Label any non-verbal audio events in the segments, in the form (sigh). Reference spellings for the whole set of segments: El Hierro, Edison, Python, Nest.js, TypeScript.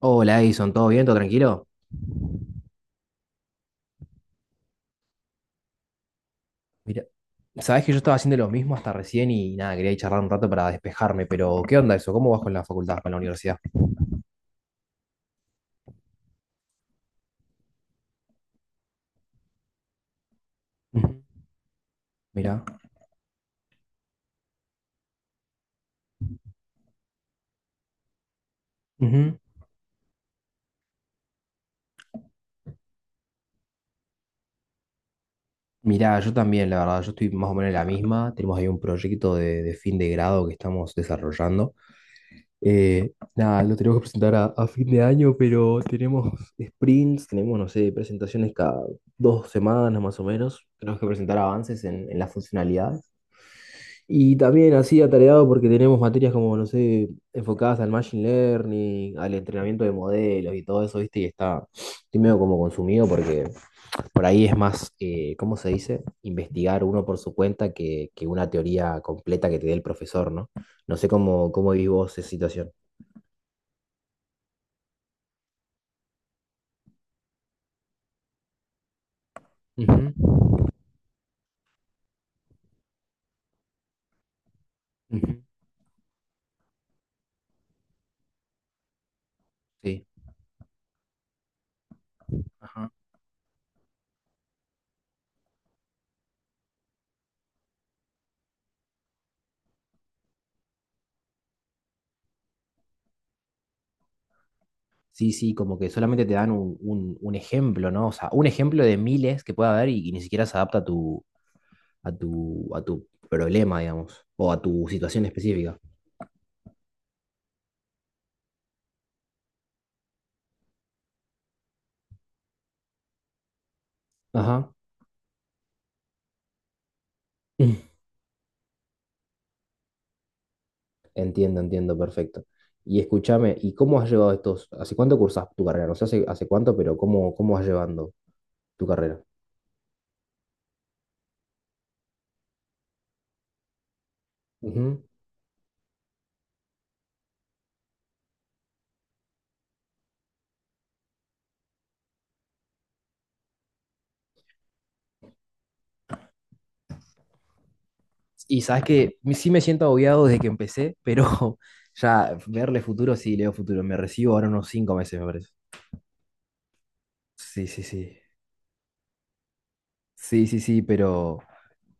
Hola Edison, ¿todo bien? ¿Todo tranquilo? Mira, sabés que yo estaba haciendo lo mismo hasta recién y nada, quería ir charlar un rato para despejarme, pero ¿qué onda eso? ¿Cómo vas con la facultad, con la universidad? Ujú. Mirá. Ujú. Mirá, yo también, la verdad, yo estoy más o menos en la misma. Tenemos ahí un proyecto de fin de grado que estamos desarrollando. Nada, lo tenemos que presentar a fin de año, pero tenemos sprints, tenemos, no sé, presentaciones cada dos semanas más o menos. Tenemos que presentar avances en las funcionalidades. Y también así atareado porque tenemos materias como, no sé, enfocadas al machine learning, al entrenamiento de modelos y todo eso, ¿viste? Y estoy medio como consumido porque por ahí es más, ¿cómo se dice? Investigar uno por su cuenta que una teoría completa que te dé el profesor, ¿no? No sé cómo vivís vos esa situación. Ujú, ujú, sí. Ajá. Sí, sí, como que solamente te dan un, un ejemplo, ¿no? O sea, un ejemplo de miles que pueda haber y ni siquiera se adapta a tu problema, digamos, o a tu situación específica. Ajá. (laughs) Mm. Entiendo, entiendo, perfecto. Y escúchame, ¿y cómo has llevado estos? ¿Hace cuánto cursas tu carrera? No sé hace, hace cuánto, pero cómo vas llevando tu carrera? Ujú. Y sabes que sí me siento agobiado desde que empecé, pero (laughs) ya verle futuro, sí, leo futuro. Me recibo ahora unos cinco meses, me parece. Sí, sí, sí. Sí, sí, sí, pero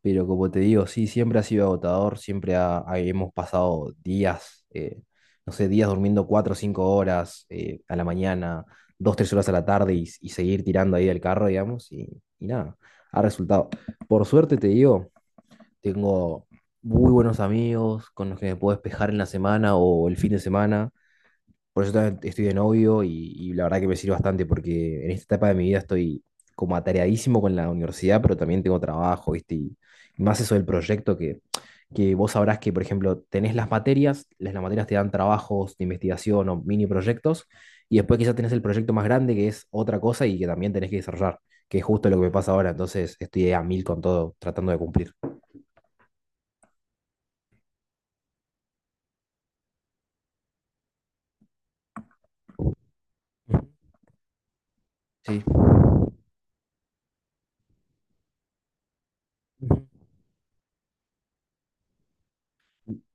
Pero como te digo, sí, siempre ha sido agotador, siempre hemos pasado días, no sé, días durmiendo cuatro o cinco horas a la mañana, dos, tres horas a la tarde y seguir tirando ahí del carro, digamos, y nada, ha resultado. Por suerte te digo, tengo muy buenos amigos con los que me puedo despejar en la semana o el fin de semana, por eso también estoy de novio y la verdad que me sirve bastante porque en esta etapa de mi vida estoy como atareadísimo con la universidad, pero también tengo trabajo, ¿viste? Y más eso del proyecto que vos sabrás que, por ejemplo, tenés las materias, las materias te dan trabajos de investigación o mini proyectos, y después quizás tenés el proyecto más grande que es otra cosa y que también tenés que desarrollar, que es justo lo que me pasa ahora, entonces estoy a mil con todo, tratando de cumplir. Ujú. Sí. Ujú.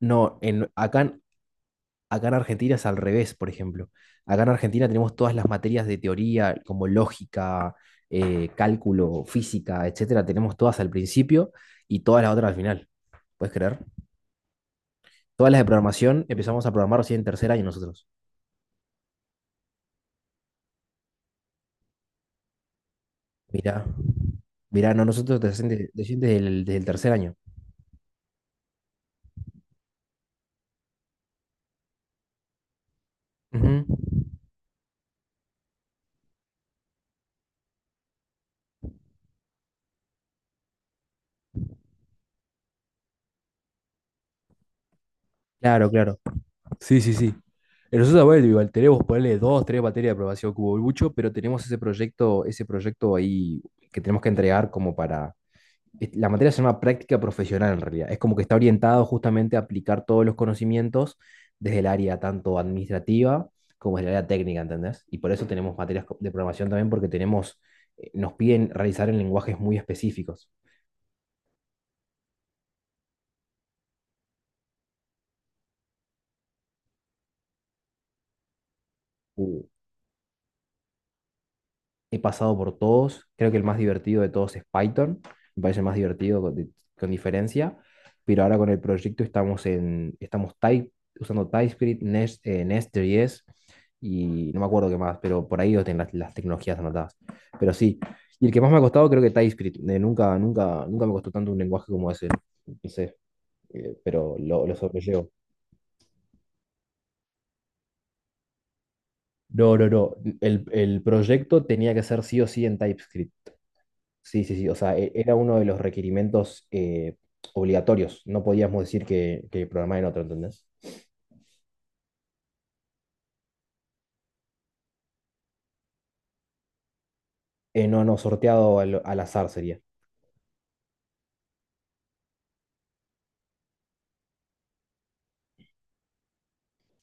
No, acá, acá en Argentina es al revés, por ejemplo. Acá en Argentina tenemos todas las materias de teoría, como lógica, cálculo, física, etcétera, tenemos todas al principio y todas las otras al final. ¿Puedes creer? Todas las de programación empezamos a programar recién en tercer año nosotros. Mirá, mirá, no, nosotros recién recién desde el tercer año. Ujú. Claro, claro. Sí, sí, sí. Nosotros, bueno, igual tenemos ponerle dos, tres materias de aprobación cubo mucho, pero tenemos ese proyecto ahí que tenemos que entregar como para la materia se llama práctica profesional en realidad. Es como que está orientado justamente a aplicar todos los conocimientos desde el área tanto administrativa como desde el área técnica, ¿entendés? Y por eso tenemos materias de programación también porque tenemos, nos piden realizar en lenguajes muy específicos. Uh, He pasado por todos. Creo que el más divertido de todos es Python. Me parece el más divertido con diferencia. Pero ahora con el proyecto estamos en, estamos Type, usando TypeScript, Nest, Nest.js y no me acuerdo qué más, pero por ahí lo tienen las tecnologías anotadas. Pero sí. Y el que más me ha costado creo que TypeScript. Nunca, nunca, nunca me costó tanto un lenguaje como ese. No sé, pero lo sobrellevo. No, no, no. El proyecto tenía que ser sí o sí en TypeScript. Sí, sí, sí. O sea, era uno de los requerimientos obligatorios. No podíamos decir que programar en otro, ¿entendés? No, no, sorteado al azar sería.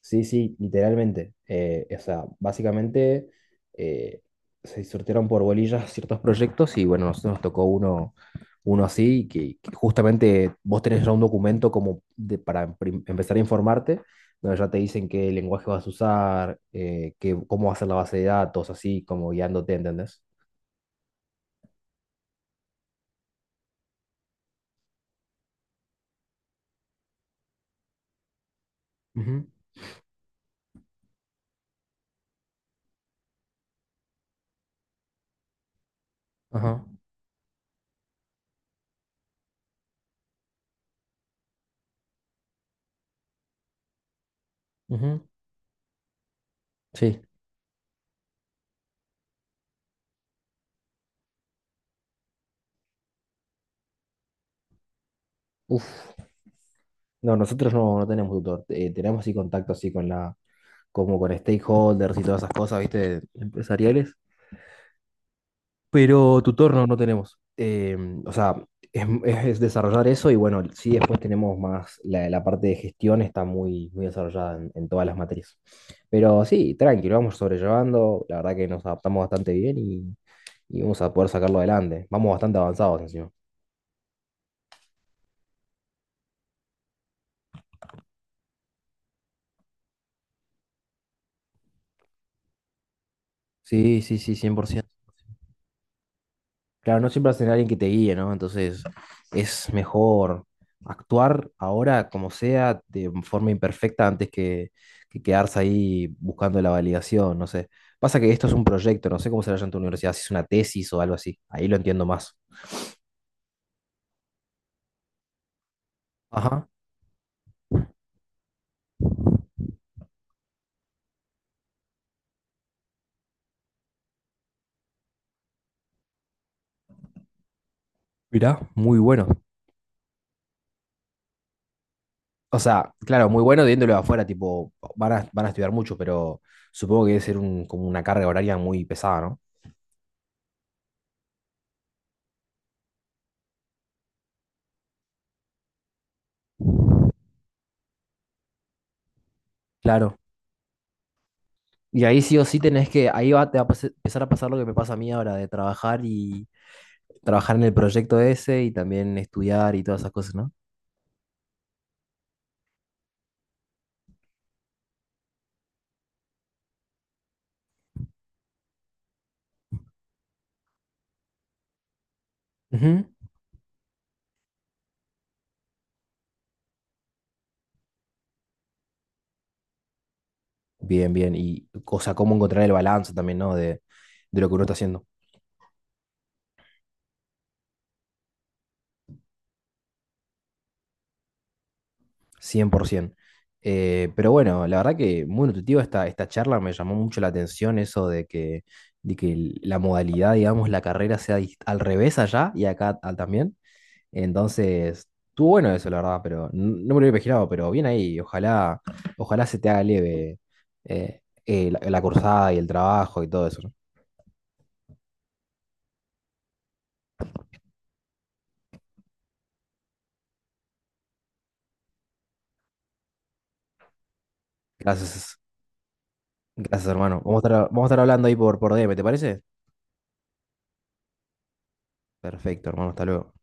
Sí, sí, literalmente. O sea, básicamente eh, se sortearon por bolillas (laughs) ciertos proyectos y bueno, nosotros nos tocó uno, uno así, que justamente vos tenés ya un documento como para empezar a informarte, donde ya te dicen qué lenguaje vas a usar, qué, cómo va a ser la base de datos, así como guiándote, ¿entendés? Ujú. Ajá. Ujú. Sí. Uf. No, nosotros no, no tenemos tutor. Tenemos sí contacto así con como con stakeholders y todas esas cosas, ¿viste? Empresariales. Pero tutor no, no tenemos. O sea, es, es desarrollar eso y bueno, sí después tenemos más, la parte de gestión está muy, muy desarrollada en todas las materias. Pero sí, tranquilo, vamos sobrellevando. La verdad que nos adaptamos bastante bien y vamos a poder sacarlo adelante. Vamos bastante avanzados encima. Sí, sí, sí, 100%. Claro, no siempre vas a tener alguien que te guíe, ¿no? Entonces es mejor actuar ahora como sea, de forma imperfecta, antes que quedarse ahí buscando la validación, no sé. Pasa que esto es un proyecto, no sé cómo será ya en tu universidad, si es una tesis o algo así. Ahí lo entiendo más. Ajá. Mirá, muy bueno. O sea, claro, muy bueno viéndolo de afuera, tipo, van a, van a estudiar mucho, pero supongo que debe ser un, como una carga horaria muy pesada, ¿no? Claro. Y ahí sí o sí tenés que, ahí va, te va a empezar a pasar lo que me pasa a mí ahora, de trabajar y trabajar en el proyecto ese y también estudiar y todas esas cosas, ¿no? Ujú. Bien, bien. Y, o sea, cómo encontrar el balance también, ¿no? De lo que uno está haciendo, 100%. Pero bueno, la verdad que muy nutritiva esta charla, me llamó mucho la atención eso de que la modalidad, digamos, la carrera sea al revés allá y acá ah, también. Entonces, estuvo bueno eso, la verdad, pero no me lo había imaginado, pero bien ahí, ojalá, ojalá se te haga leve la cursada y el trabajo y todo eso, ¿no? Gracias, gracias, hermano. Vamos a estar hablando ahí por DM, ¿te parece? Perfecto, hermano, hasta luego.